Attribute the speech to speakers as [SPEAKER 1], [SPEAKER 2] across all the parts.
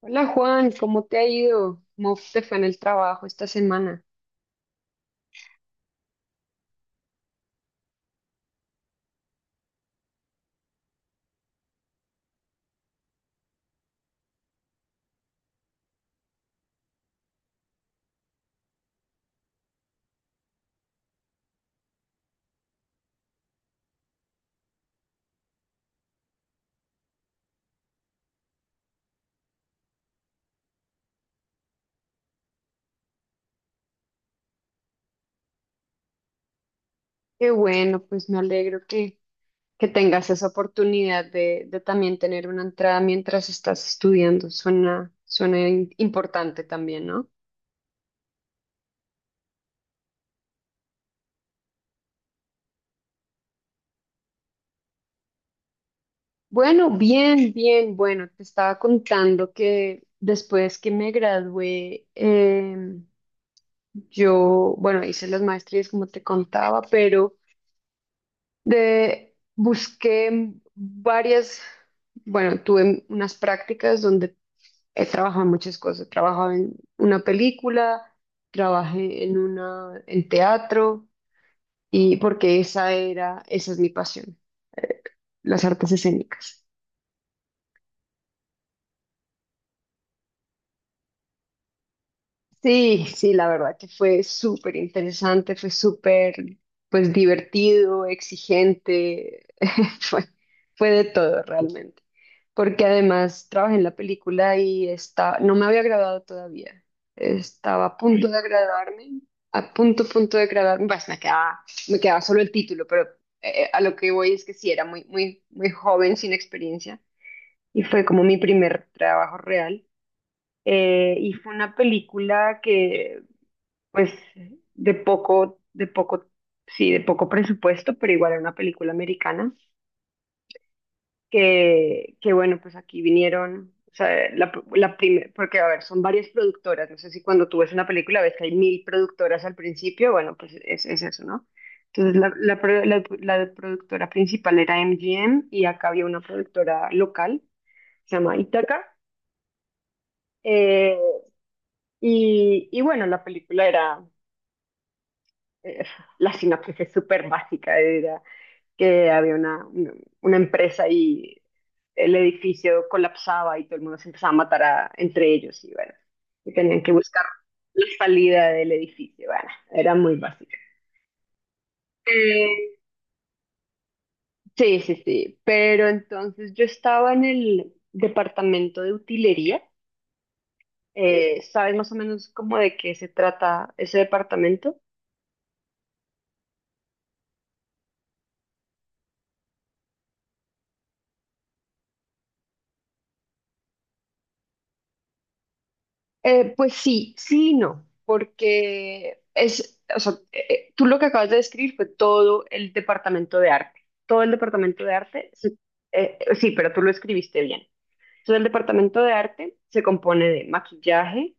[SPEAKER 1] Hola Juan, ¿cómo te ha ido? ¿Cómo te fue en el trabajo esta semana? Qué bueno, pues me alegro que tengas esa oportunidad de también tener una entrada mientras estás estudiando. Suena importante también, ¿no? Bueno, bien, bien, bueno, te estaba contando que después que me gradué, yo, bueno, hice las maestrías como te contaba, pero... De, busqué varias, bueno, tuve unas prácticas donde he trabajado en muchas cosas. He trabajado en una película, trabajé en teatro, y porque esa era, esa es mi pasión, las artes escénicas. Sí, sí, la verdad que fue súper interesante, fue súper, pues, divertido, exigente, fue, fue de todo realmente, porque además trabajé en la película y está, no me había graduado todavía, estaba a punto de graduarme, a punto, punto de graduarme, pues me quedaba solo el título, pero a lo que voy es que sí, era muy, muy, muy joven, sin experiencia, y fue como mi primer trabajo real. Y fue una película que pues de poco, sí, de poco presupuesto, pero igual era una película americana, que bueno, pues aquí vinieron, o sea, la primera, porque a ver, son varias productoras, no sé si cuando tú ves una película ves que hay mil productoras al principio, bueno, pues es eso, ¿no? Entonces la productora principal era MGM y acá había una productora local, se llama Itaca, eh, y bueno, la película era, eh, la sinopsis es súper básica, era que había una empresa y el edificio colapsaba y todo el mundo se empezaba a matar entre ellos y bueno, y tenían que buscar la salida del edificio, bueno, era muy básico. Eh, sí, sí, sí, pero entonces yo estaba en el departamento de utilería, ¿sabes más o menos cómo de qué se trata ese departamento? Pues sí, sí y no, porque es, o sea, tú lo que acabas de describir fue todo el departamento de arte. Todo el departamento de arte, sí, pero tú lo escribiste bien. Entonces, el departamento de arte se compone de maquillaje,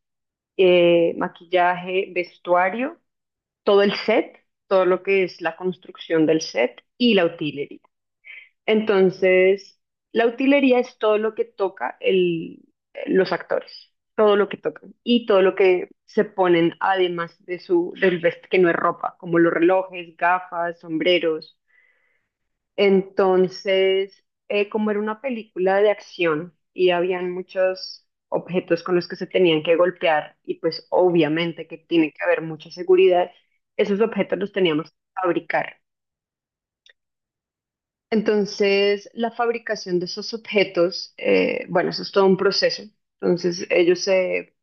[SPEAKER 1] maquillaje, vestuario, todo el set, todo lo que es la construcción del set y la utilería. Entonces, la utilería es todo lo que toca los actores, todo lo que tocan y todo lo que se ponen además de su del vest que no es ropa, como los relojes, gafas, sombreros. Entonces, como era una película de acción y habían muchos objetos con los que se tenían que golpear y pues obviamente que tiene que haber mucha seguridad, esos objetos los teníamos que fabricar. Entonces, la fabricación de esos objetos, bueno, eso es todo un proceso. Entonces,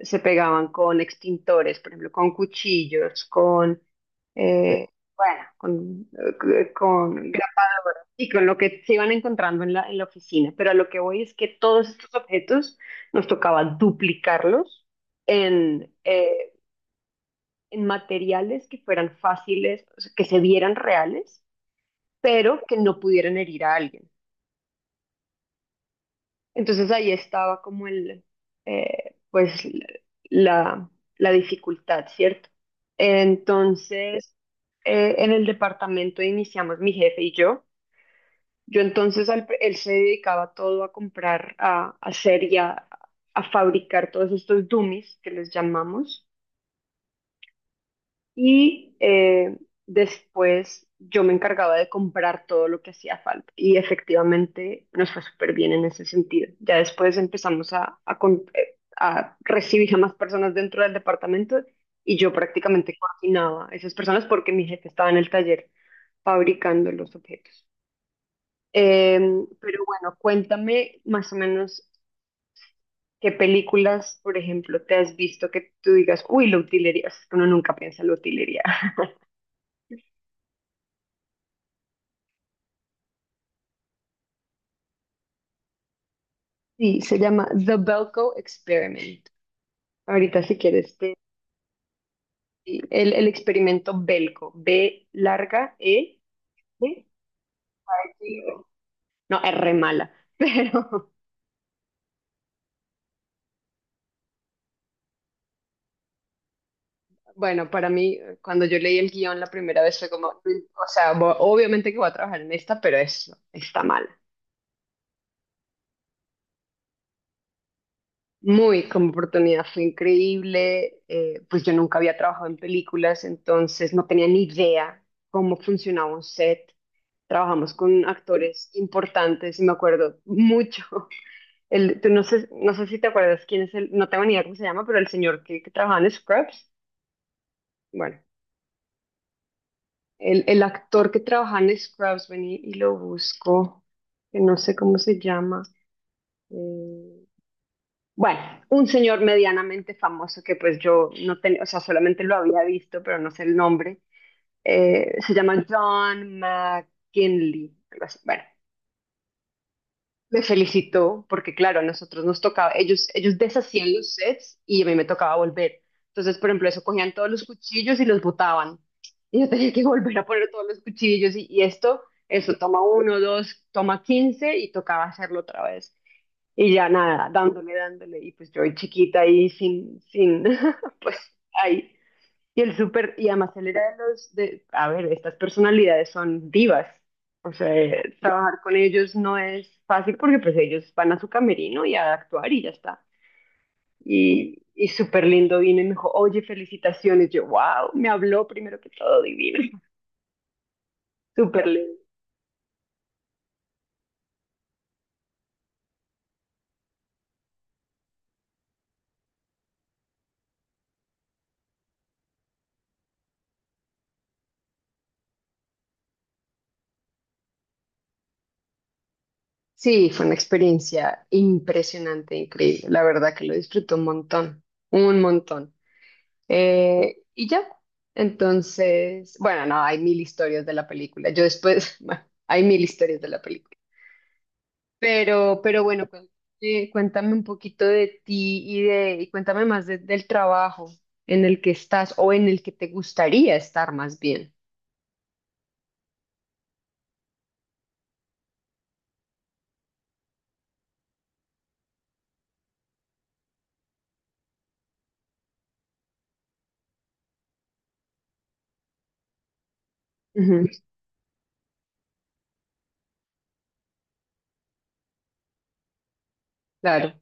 [SPEAKER 1] se pegaban con extintores, por ejemplo, con cuchillos, con, eh, bueno, con, y con lo que se iban encontrando en en la oficina. Pero a lo que voy es que todos estos objetos nos tocaba duplicarlos en, eh, en materiales que fueran fáciles, o sea, que se vieran reales, pero que no pudieran herir a alguien. Entonces ahí estaba como el, pues la, la dificultad, ¿cierto? Entonces, en el departamento iniciamos mi jefe y yo. Yo entonces, él se dedicaba todo a comprar, a hacer y a fabricar todos estos dummies que les llamamos. Y después yo me encargaba de comprar todo lo que hacía falta. Y efectivamente nos fue súper bien en ese sentido. Ya después empezamos a recibir a más personas dentro del departamento y yo prácticamente coordinaba a esas personas porque mi jefe estaba en el taller fabricando los objetos. Pero bueno, cuéntame más o menos qué películas, por ejemplo, te has visto que tú digas, uy, la utilería, es que uno nunca piensa en la utilería. Sí, se llama The Belko Experiment. Ahorita si quieres, el experimento Belko, B larga, E, E, no, R mala. Pero bueno, para mí, cuando yo leí el guión la primera vez fue como, o sea, obviamente que voy a trabajar en esta, pero es está mal. Muy, como oportunidad fue increíble. Pues yo nunca había trabajado en películas, entonces no tenía ni idea cómo funcionaba un set. Trabajamos con actores importantes y me acuerdo mucho. El, tú no sé, no sé si te acuerdas quién es el, no tengo ni idea cómo se llama, pero el señor que trabajaba en Scrubs. Bueno, el actor que trabajaba en Scrubs, vení y lo busco, que no sé cómo se llama. eh, Bueno, un señor medianamente famoso que pues yo no tenía, o sea, solamente lo había visto, pero no sé el nombre. Se llama John McKinley, algo así. Bueno, me felicitó porque claro, a nosotros nos tocaba, ellos deshacían los sets y a mí me tocaba volver. Entonces, por ejemplo, eso cogían todos los cuchillos y los botaban. Y yo tenía que volver a poner todos los cuchillos y esto, eso toma uno, dos, toma quince y tocaba hacerlo otra vez. Y ya nada, dándole, dándole. Y pues yo ahí chiquita ahí sin, sin, pues ahí. Y el súper, y además él era de los, de, a ver, estas personalidades son divas. O sea, trabajar con ellos no es fácil porque pues ellos van a su camerino y a actuar y ya está. Y súper lindo vino y me dijo, oye, felicitaciones. Yo, wow, me habló primero que todo divino. Súper lindo. Sí, fue una experiencia impresionante, increíble. La verdad que lo disfruto un montón, un montón. Y ya, entonces, bueno, no, hay mil historias de la película. Yo después, bueno, hay mil historias de la película. Pero bueno, cuéntame un poquito de ti y cuéntame más del trabajo en el que estás o en el que te gustaría estar más bien. Ujú, claro.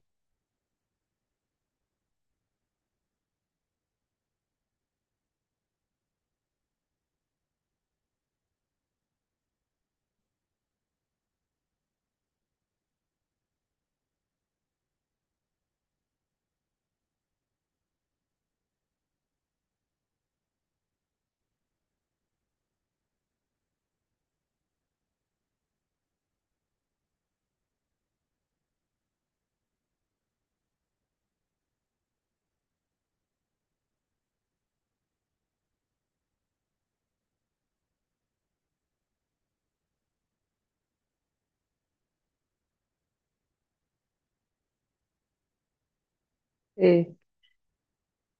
[SPEAKER 1] Eh,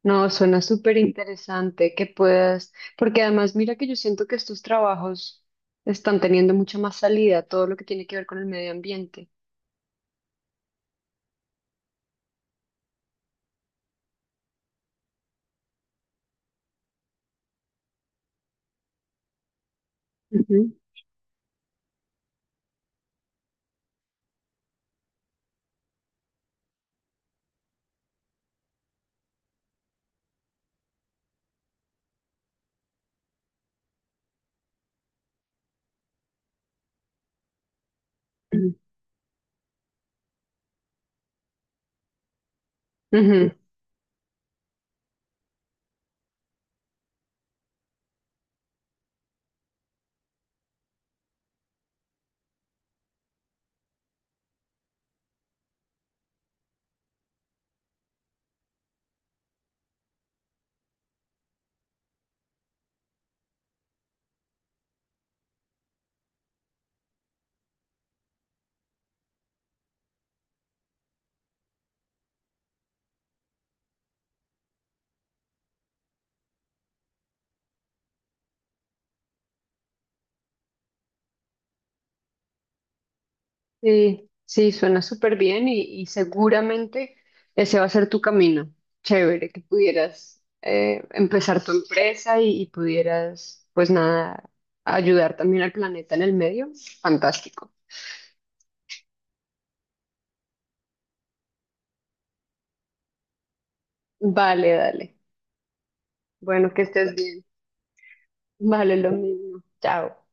[SPEAKER 1] no, suena súper interesante que puedas, porque además mira que yo siento que estos trabajos están teniendo mucha más salida, todo lo que tiene que ver con el medio ambiente. Ujú. Ujú. Sí, sí, suena súper bien y seguramente ese va a ser tu camino. Chévere que pudieras empezar tu empresa y pudieras, pues nada, ayudar también al planeta en el medio. Fantástico. Vale, dale. Bueno, que estés bien. Vale, lo mismo. Chao.